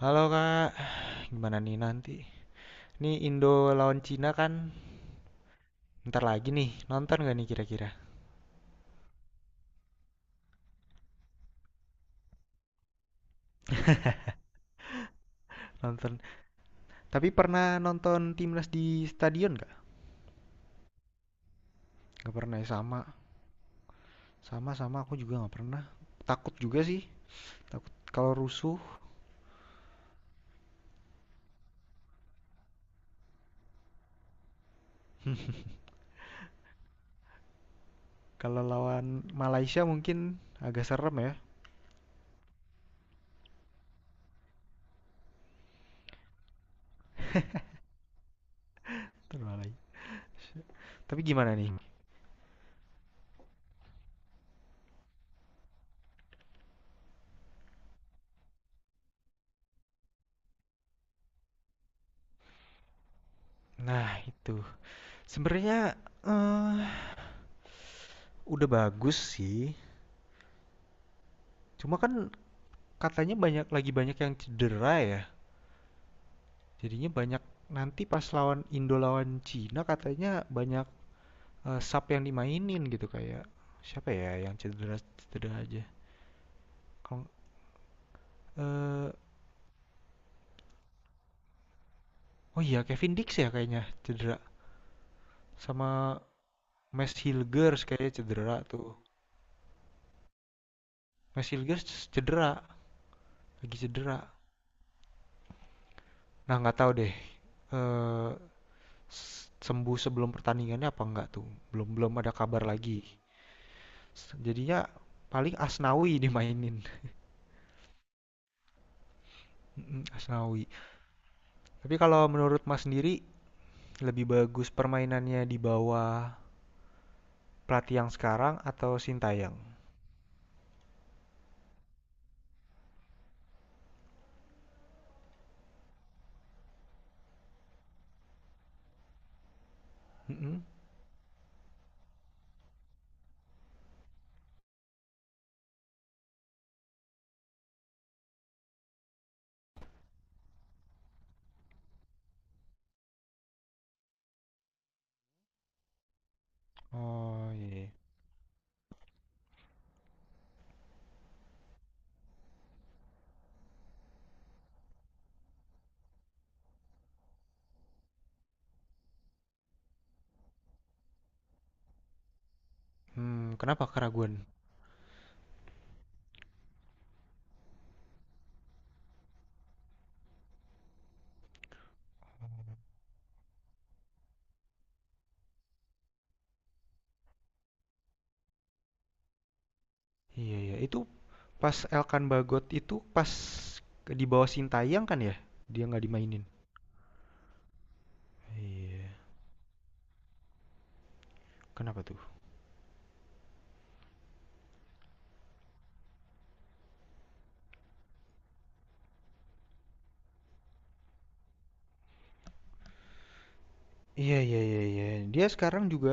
Halo Kak, gimana nih nanti? Nih Indo lawan Cina kan, ntar lagi nih, nonton gak nih kira-kira? Nonton, tapi pernah nonton timnas di stadion gak? Gak pernah ya, sama, sama-sama aku juga gak pernah. Takut juga sih, takut kalau rusuh, kalau lawan Malaysia mungkin agak serem ya. Ntar Malaysia. Tapi gimana nih? Nah itu, sebenarnya eh udah bagus sih, cuma kan katanya banyak yang cedera ya. Jadinya banyak nanti pas lawan Cina katanya banyak sub yang dimainin gitu kayak siapa ya yang cedera cedera aja. Kalau eh, oh iya, Kevin Dix ya kayaknya cedera, sama Max Hilgers kayaknya cedera tuh. Max Hilgers cedera, lagi cedera. Nah, nggak tahu deh eh sembuh sebelum pertandingannya apa enggak tuh. Belum belum ada kabar lagi. Jadinya paling Asnawi dimainin. Mm, Asnawi. Tapi kalau menurut Mas sendiri lebih bagus permainannya di bawah pelatih yang sekarang atau Sintayong? Mm-mm. Oh iya, iya. Hmm, kenapa keraguan? Iya iya. Itu pas Elkan Bagot itu pas di bawah Sintayong kan ya? Dia nggak dimainin. Iya. Kenapa tuh? Iya iya iya iya. Dia sekarang juga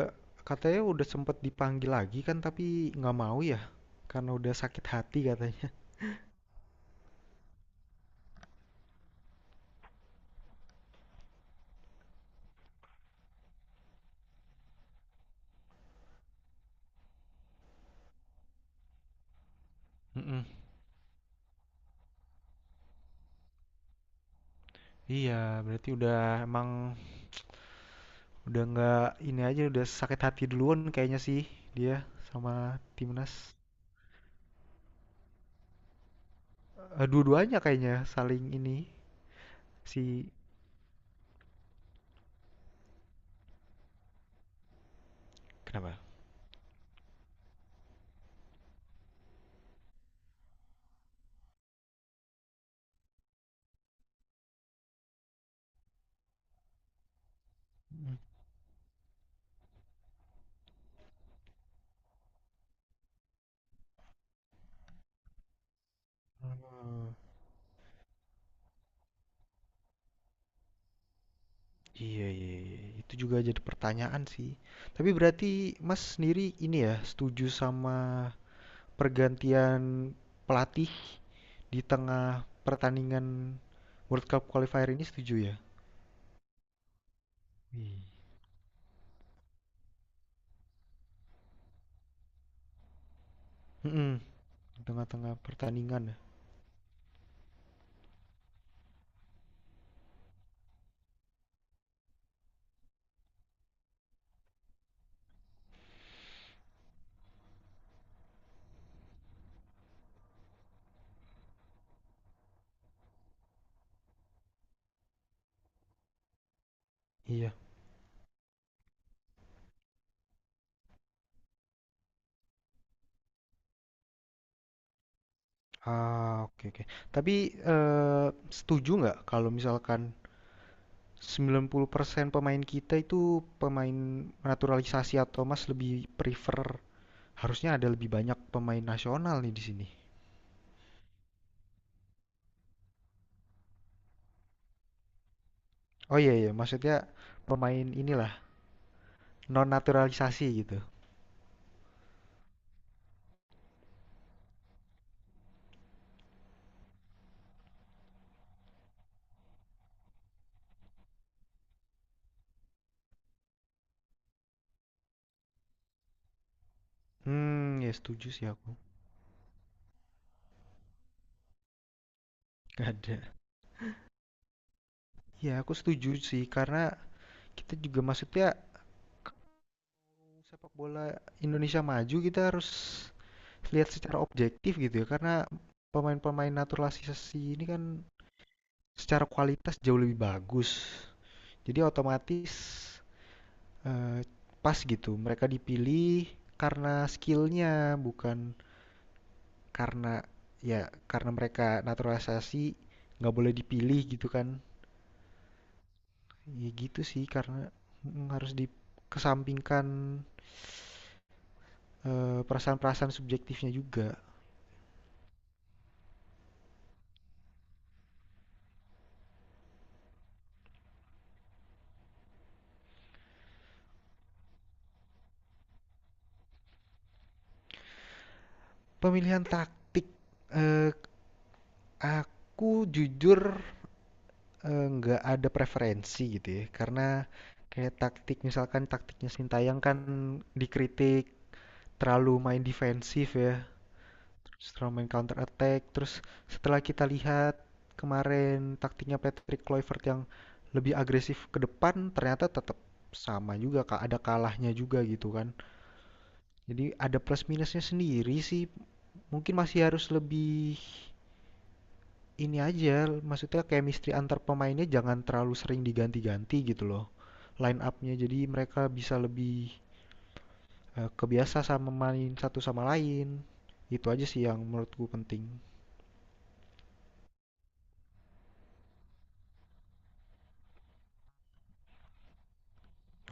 katanya udah sempet dipanggil lagi kan, tapi nggak mau ya karena udah sakit hati katanya. Mm-mm. Iya, berarti udah emang, udah nggak, ini aja udah sakit hati duluan kayaknya sih dia sama timnas. Eh, dua-duanya kayaknya saling ini si. Kenapa? Hmm. Iya, iya, iya, iya, itu juga jadi pertanyaan sih. Tapi berarti Mas sendiri ini ya setuju sama pergantian pelatih di tengah pertandingan World Cup qualifier ini, setuju ya? Hmm. Mm-mm, di tengah-tengah pertandingan ya. Iya. Ah, oke oke. Tapi setuju nggak kalau misalkan 90% pemain kita itu pemain naturalisasi, atau Mas lebih prefer harusnya ada lebih banyak pemain nasional nih di sini. Oh iya iya, maksudnya pemain inilah non naturalisasi gitu. Hmm, ya setuju sih aku. Gak ada. Ya aku setuju sih karena kita juga maksudnya sepak bola Indonesia maju, kita harus lihat secara objektif gitu ya, karena pemain-pemain naturalisasi ini kan secara kualitas jauh lebih bagus, jadi otomatis eh, pas gitu mereka dipilih karena skillnya, bukan karena, ya, karena mereka naturalisasi nggak boleh dipilih gitu kan. Ya gitu sih, karena mm, harus dikesampingkan perasaan-perasaan subjektifnya juga. Pemilihan taktik, eee, aku jujur, nggak ada preferensi gitu ya, karena kayak taktik misalkan taktiknya Sintayong kan dikritik terlalu main defensif ya, terus terlalu main counter attack. Terus setelah kita lihat kemarin taktiknya Patrick Kluivert yang lebih agresif ke depan, ternyata tetap sama juga, Kak, ada kalahnya juga gitu kan. Jadi ada plus minusnya sendiri sih, mungkin masih harus lebih ini aja, maksudnya chemistry antar pemainnya jangan terlalu sering diganti-ganti gitu loh. Line up-nya, jadi mereka bisa lebih kebiasa sama main satu sama lain. Itu aja sih yang menurutku penting.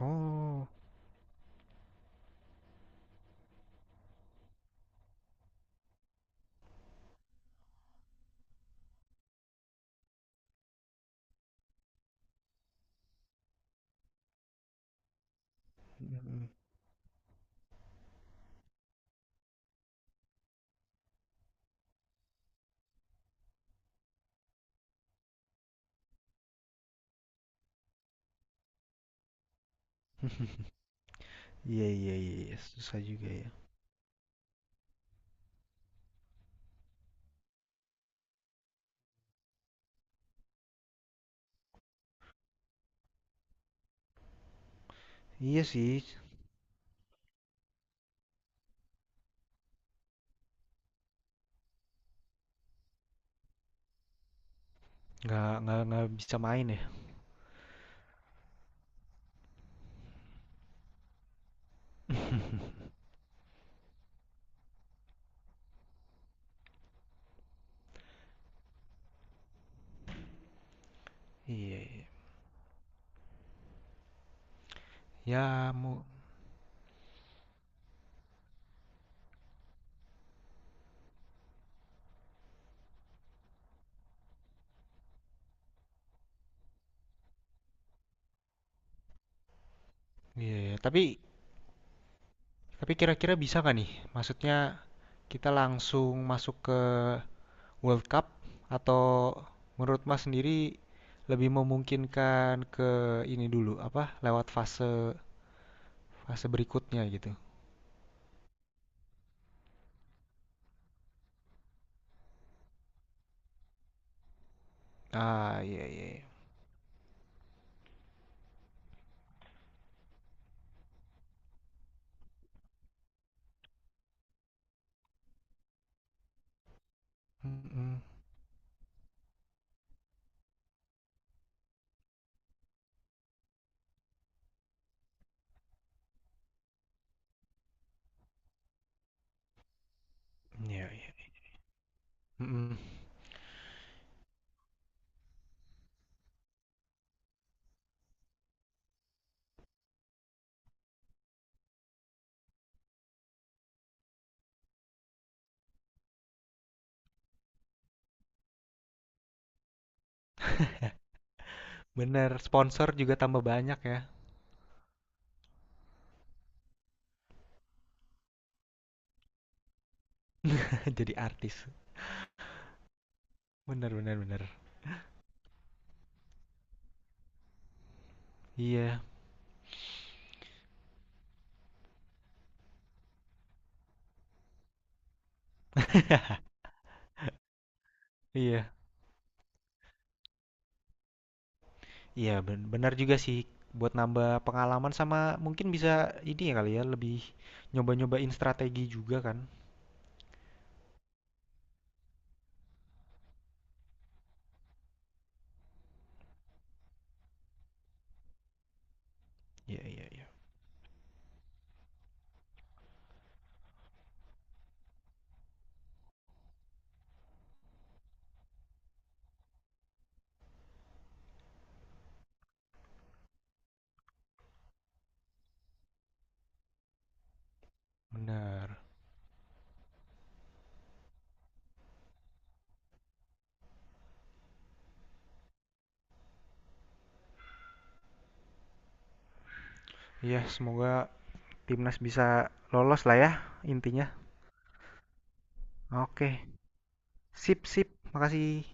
Oh, mm, iya iya iya iya, susah juga ya. Iya sih, nggak bisa main ya. Iya iya. Ya mau, iya ya. Tapi kira-kira bisa nggak nih? Maksudnya kita langsung masuk ke World Cup, atau menurut Mas sendiri lebih memungkinkan ke ini dulu apa lewat fase fase berikutnya gitu. Ah iya iya, iya. Mm-mm. Iya iya. Mm-mm. Bener, sponsor juga tambah banyak ya. Jadi artis. Bener bener bener. Iya iya iya, ben- benar juga sih, buat nambah pengalaman sama mungkin bisa ini ya kali ya, lebih nyoba-nyobain strategi juga kan. Iya iya iya. Benar. Iya, semoga timnas bisa lolos lah ya, intinya. Oke, sip sip. Makasih.